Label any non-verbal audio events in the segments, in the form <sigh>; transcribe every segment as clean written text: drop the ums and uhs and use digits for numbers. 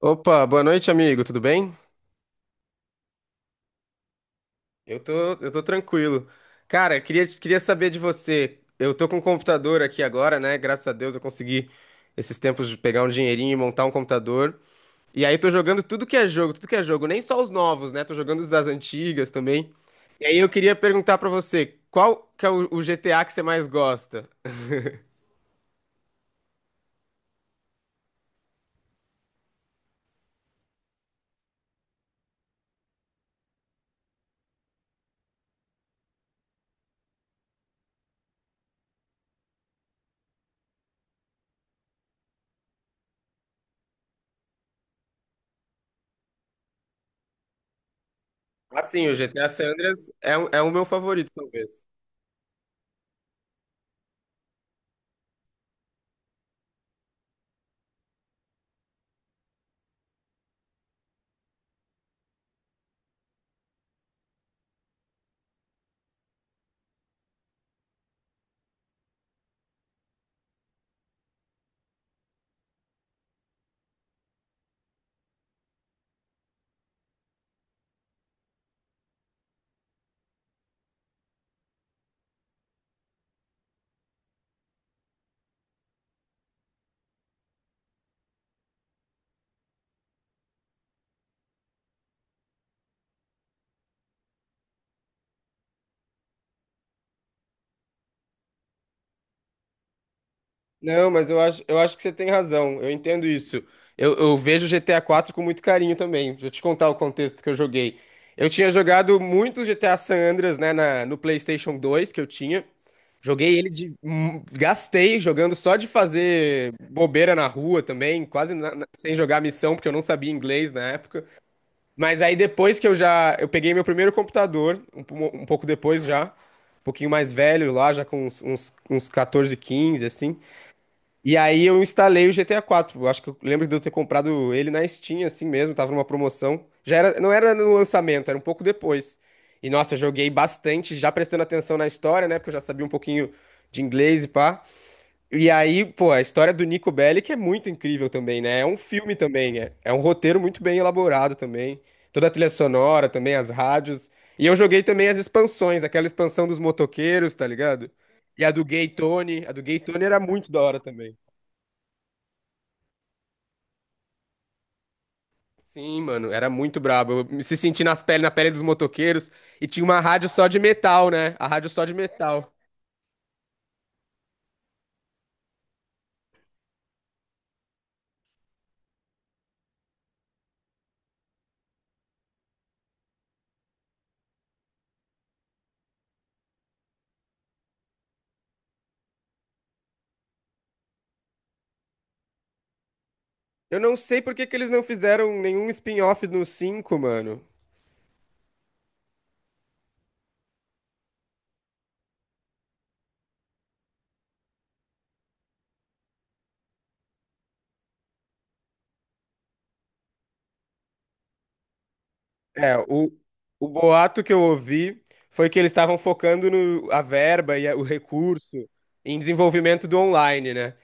Opa, boa noite, amigo. Tudo bem? Eu tô, eu tô tranquilo. Cara, queria saber de você. Eu tô com um computador aqui agora, né? Graças a Deus eu consegui esses tempos de pegar um dinheirinho e montar um computador. E aí tô jogando tudo que é jogo, tudo que é jogo, nem só os novos, né? Tô jogando os das antigas também. E aí eu queria perguntar pra você, qual que é o GTA que você mais gosta? Assim, o GTA San Andreas é, é o meu favorito, talvez. Não, mas eu acho que você tem razão. Eu entendo isso. Eu vejo GTA 4 com muito carinho também. Deixa eu te contar o contexto que eu joguei. Eu tinha jogado muito GTA San Andreas, né, no PlayStation 2 que eu tinha. Joguei ele de. Gastei jogando só de fazer bobeira na rua também, quase sem jogar missão, porque eu não sabia inglês na época. Mas aí depois que eu já. Eu peguei meu primeiro computador, um, um pouco depois já. Um pouquinho mais velho lá, já com uns 14, 15, assim. E aí eu instalei o GTA 4. Eu acho que eu lembro de eu ter comprado ele na Steam, assim mesmo, tava numa promoção. Já era, não era no lançamento, era um pouco depois. E nossa, eu joguei bastante, já prestando atenção na história, né? Porque eu já sabia um pouquinho de inglês e pá. E aí, pô, a história do Nico Bellic é muito incrível também, né? É um filme também, é um roteiro muito bem elaborado também. Toda a trilha sonora também, as rádios. E eu joguei também as expansões, aquela expansão dos motoqueiros, tá ligado? E a do Gay Tony, a do Gay Tony era muito da hora também. Sim, mano, era muito brabo. Eu me se senti nas pele, na pele dos motoqueiros e tinha uma rádio só de metal, né? A rádio só de metal. Eu não sei por que que eles não fizeram nenhum spin-off no cinco, mano. É, o boato que eu ouvi foi que eles estavam focando no, a verba e o recurso em desenvolvimento do online, né?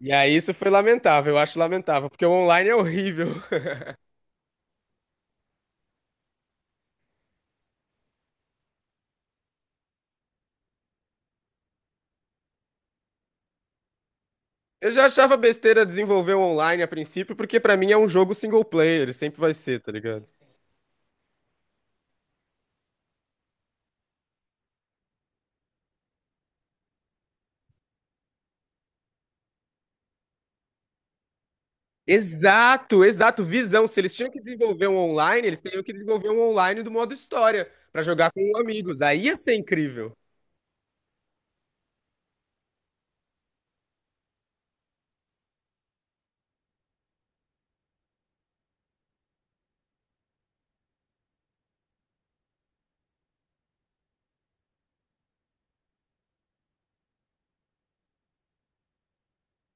E aí isso foi lamentável, eu acho lamentável, porque o online é horrível. <laughs> Eu já achava besteira desenvolver o online a princípio, porque pra mim é um jogo single player, sempre vai ser, tá ligado? Exato, exato, visão. Se eles tinham que desenvolver um online, eles teriam que desenvolver um online do modo história, pra jogar com amigos. Aí ia ser incrível.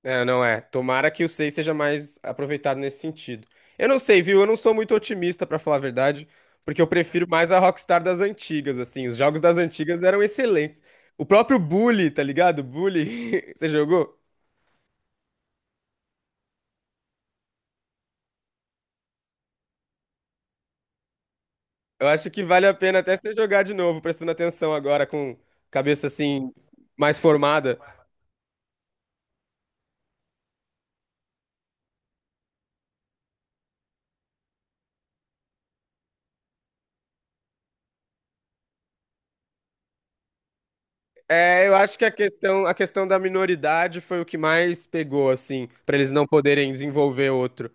É, não é. Tomara que o 6 seja mais aproveitado nesse sentido. Eu não sei, viu? Eu não sou muito otimista, pra falar a verdade, porque eu prefiro mais a Rockstar das antigas, assim. Os jogos das antigas eram excelentes. O próprio Bully, tá ligado? Bully, <laughs> você jogou? Eu acho que vale a pena até você jogar de novo, prestando atenção agora com cabeça assim mais formada. É, eu acho que a questão da minoridade foi o que mais pegou, assim, pra eles não poderem desenvolver outro.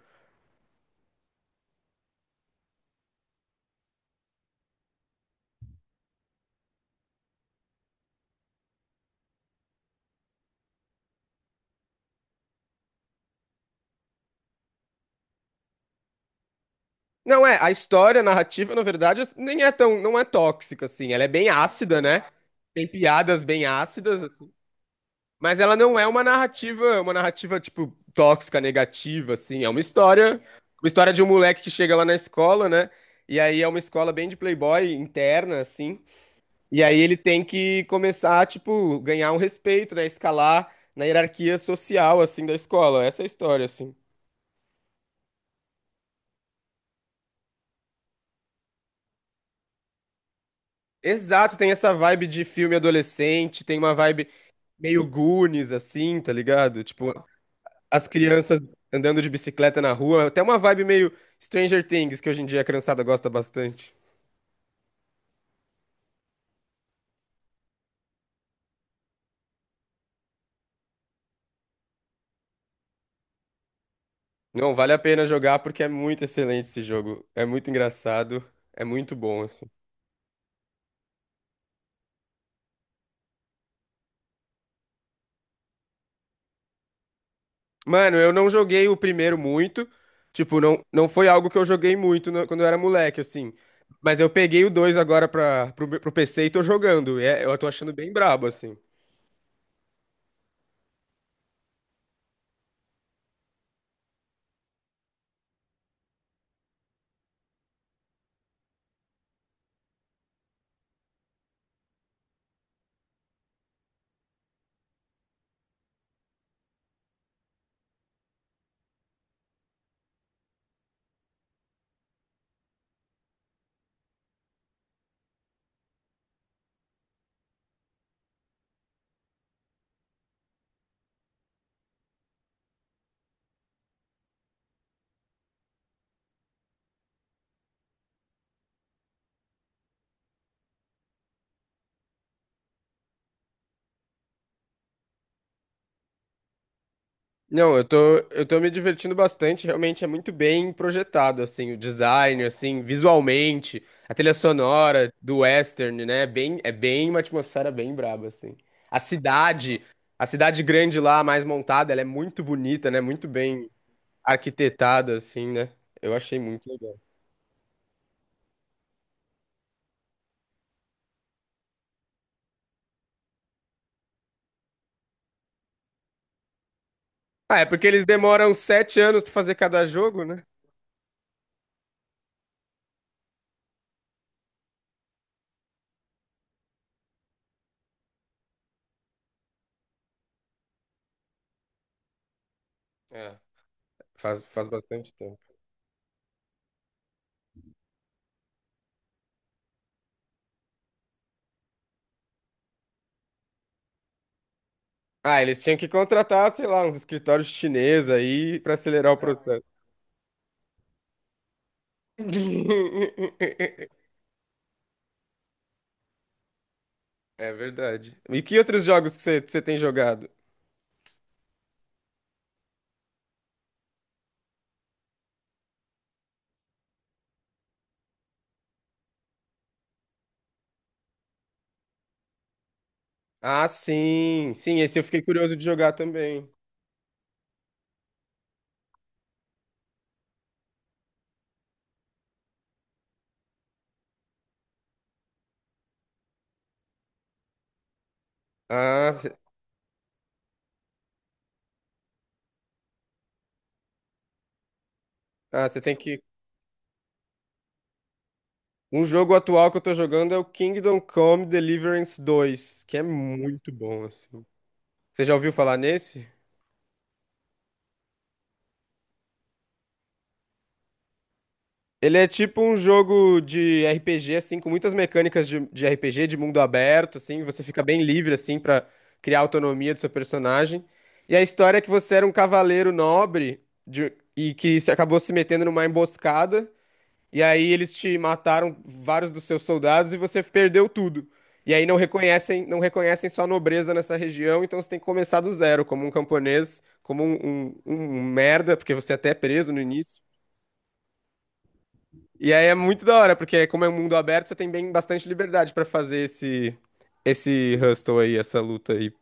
Não é, a história, a narrativa, na verdade, nem é tão, não é tóxica, assim. Ela é bem ácida, né? Tem piadas bem ácidas, assim. Mas ela não é uma narrativa, tipo, tóxica, negativa, assim. É uma história de um moleque que chega lá na escola, né? E aí é uma escola bem de playboy interna, assim. E aí ele tem que começar, tipo, ganhar um respeito, né? Escalar na hierarquia social, assim, da escola. Essa é a história, assim. Exato, tem essa vibe de filme adolescente, tem uma vibe meio Goonies, assim, tá ligado? Tipo, as crianças andando de bicicleta na rua. Até uma vibe meio Stranger Things, que hoje em dia a criançada gosta bastante. Não, vale a pena jogar porque é muito excelente esse jogo. É muito engraçado, é muito bom, assim. Mano, eu não joguei o primeiro muito. Tipo, não, não foi algo que eu joguei muito quando eu era moleque, assim. Mas eu peguei o dois agora pra, pro PC e tô jogando. E eu tô achando bem brabo, assim. Não, eu tô me divertindo bastante. Realmente é muito bem projetado, assim. O design, assim, visualmente. A trilha sonora do western, né? É bem uma atmosfera bem braba, assim. A cidade, a cidade grande lá, mais montada, ela é muito bonita, né? Muito bem arquitetada, assim, né? Eu achei muito legal. Ah, é porque eles demoram sete anos pra fazer cada jogo, né? É, faz bastante tempo. Ah, eles tinham que contratar, sei lá, uns escritórios chineses aí pra acelerar o processo. <laughs> É verdade. E que outros jogos que você tem jogado? Ah, sim, sim, esse eu fiquei curioso de jogar também. Ah, você você tem que. Um jogo atual que eu tô jogando é o Kingdom Come Deliverance 2, que é muito bom, assim. Você já ouviu falar nesse? Ele é tipo um jogo de RPG, assim, com muitas mecânicas de RPG, de mundo aberto, assim. Você fica bem livre, assim, pra criar a autonomia do seu personagem. E a história é que você era um cavaleiro nobre e que se acabou se metendo numa emboscada. E aí eles te mataram vários dos seus soldados e você perdeu tudo. E aí não reconhecem, não reconhecem sua nobreza nessa região, então você tem que começar do zero, como um camponês, como um, um merda, porque você até é preso no início. E aí é muito da hora, porque como é um mundo aberto, você tem bem bastante liberdade pra fazer esse hustle aí, essa luta aí.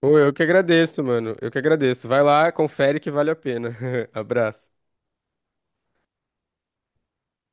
Pô, eu que agradeço, mano. Eu que agradeço. Vai lá, confere que vale a pena. <laughs> Abraço.